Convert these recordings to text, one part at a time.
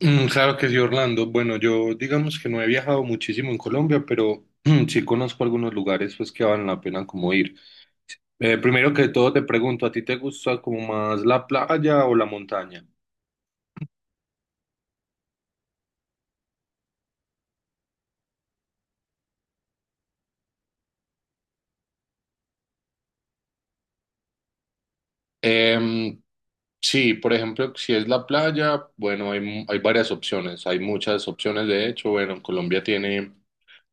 Mm, claro que sí, Orlando. Bueno, yo digamos que no he viajado muchísimo en Colombia, pero sí conozco algunos lugares pues que valen la pena como ir. Primero que todo te pregunto, ¿a ti te gusta como más la playa o la montaña? Em, sí, por ejemplo, si es la playa, bueno, hay varias opciones, hay muchas opciones de hecho. Bueno, Colombia tiene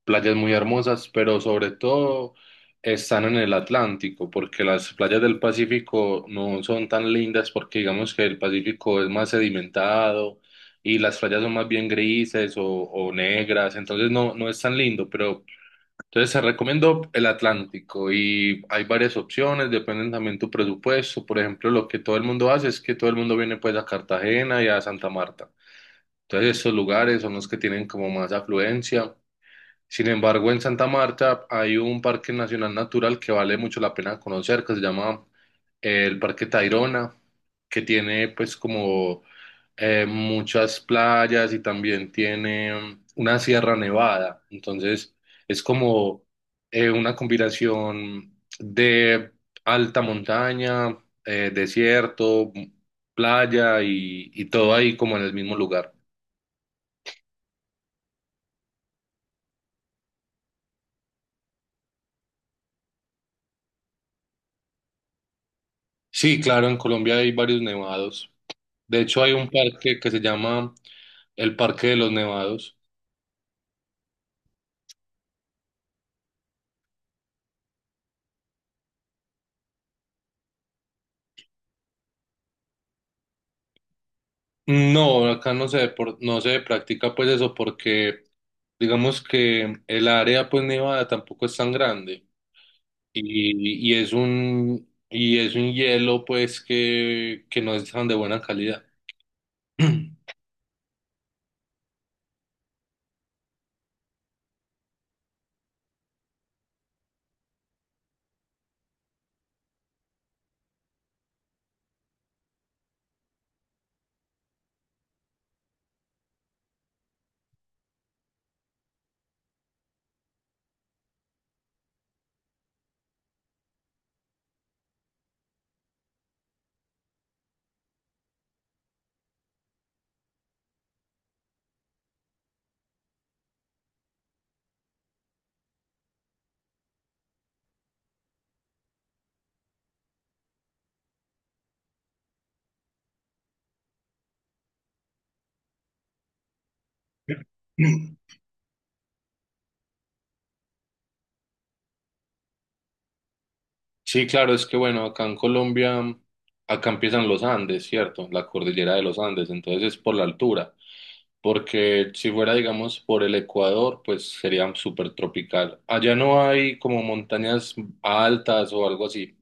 playas muy hermosas, pero sobre todo están en el Atlántico, porque las playas del Pacífico no son tan lindas porque digamos que el Pacífico es más sedimentado y las playas son más bien grises o negras, entonces no, no es tan lindo, pero entonces se recomiendo el Atlántico y hay varias opciones, dependen también tu presupuesto, por ejemplo, lo que todo el mundo hace es que todo el mundo viene pues a Cartagena y a Santa Marta. Entonces, estos lugares son los que tienen como más afluencia. Sin embargo, en Santa Marta hay un parque nacional natural que vale mucho la pena conocer, que se llama el Parque Tayrona, que tiene pues como muchas playas y también tiene una sierra nevada. Entonces, es como una combinación de alta montaña, desierto, playa y todo ahí como en el mismo lugar. Sí, claro, en Colombia hay varios nevados. De hecho, hay un parque que se llama el Parque de los Nevados. No, acá no se practica pues eso porque digamos que el área pues nevada tampoco es tan grande y es un hielo pues que no es tan de buena calidad. Sí, claro, es que bueno, acá en Colombia, acá empiezan los Andes, ¿cierto? La cordillera de los Andes, entonces es por la altura, porque si fuera, digamos, por el Ecuador, pues sería súper tropical. Allá no hay como montañas altas o algo así.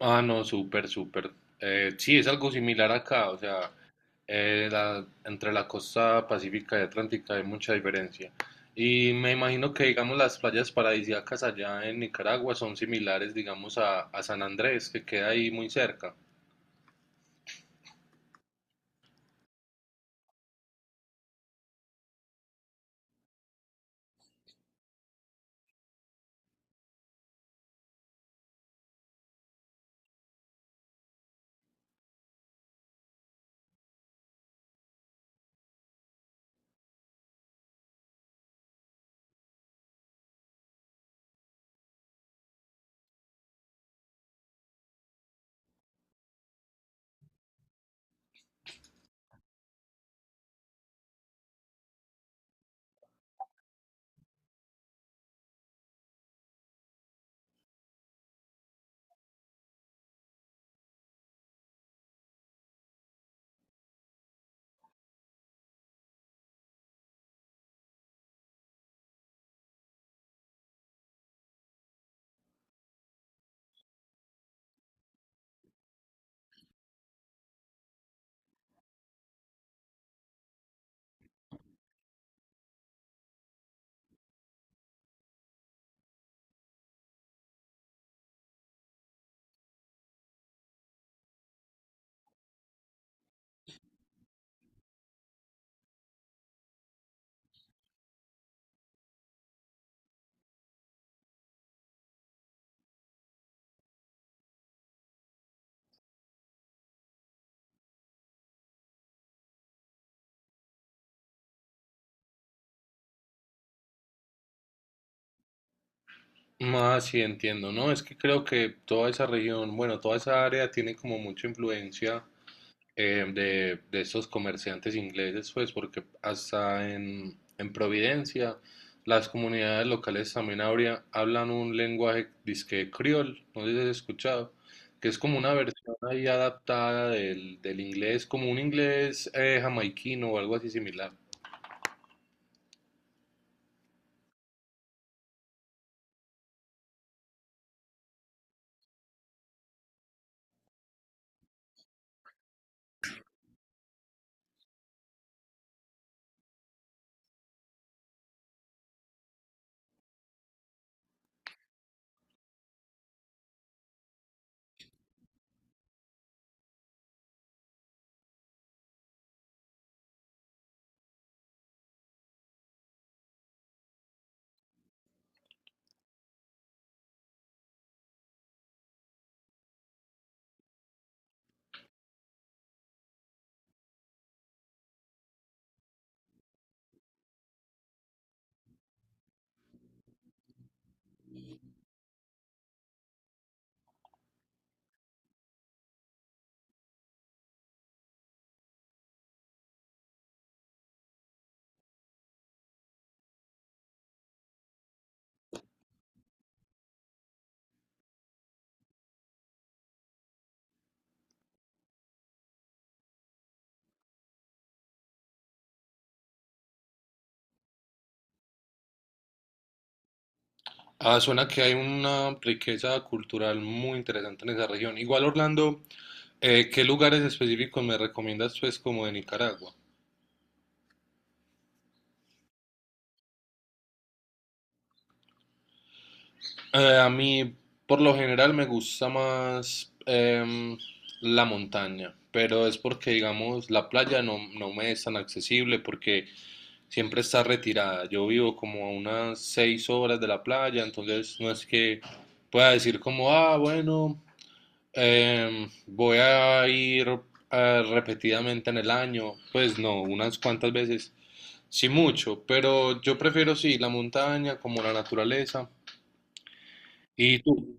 Ah, no, súper, súper. Sí, es algo similar acá, o sea, entre la costa pacífica y atlántica hay mucha diferencia. Y me imagino que, digamos, las playas paradisíacas allá en Nicaragua son similares, digamos, a San Andrés, que queda ahí muy cerca. Ah, sí, entiendo, ¿no? Es que creo que toda esa región, bueno, toda esa área tiene como mucha influencia. De esos comerciantes ingleses, pues, porque hasta en Providencia las comunidades locales también hablan un lenguaje disque criol, no sé si has escuchado, que es como una versión ahí adaptada del inglés, como un inglés jamaiquino o algo así similar. Ah, suena que hay una riqueza cultural muy interesante en esa región. Igual, Orlando, ¿qué lugares específicos me recomiendas, pues, como de Nicaragua? A mí, por lo general, me gusta más la montaña, pero es porque, digamos, la playa no me es tan accesible porque siempre está retirada. Yo vivo como a unas 6 horas de la playa, entonces no es que pueda decir como, ah, bueno, voy a ir repetidamente en el año. Pues no, unas cuantas veces, sí mucho, pero yo prefiero sí la montaña como la naturaleza. ¿Y tú?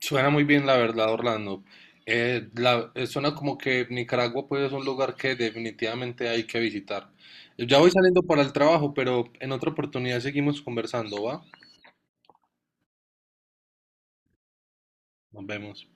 Suena muy bien, la verdad, Orlando. Suena como que Nicaragua pues es un lugar que definitivamente hay que visitar. Ya voy saliendo para el trabajo, pero en otra oportunidad seguimos conversando, ¿va? Nos vemos.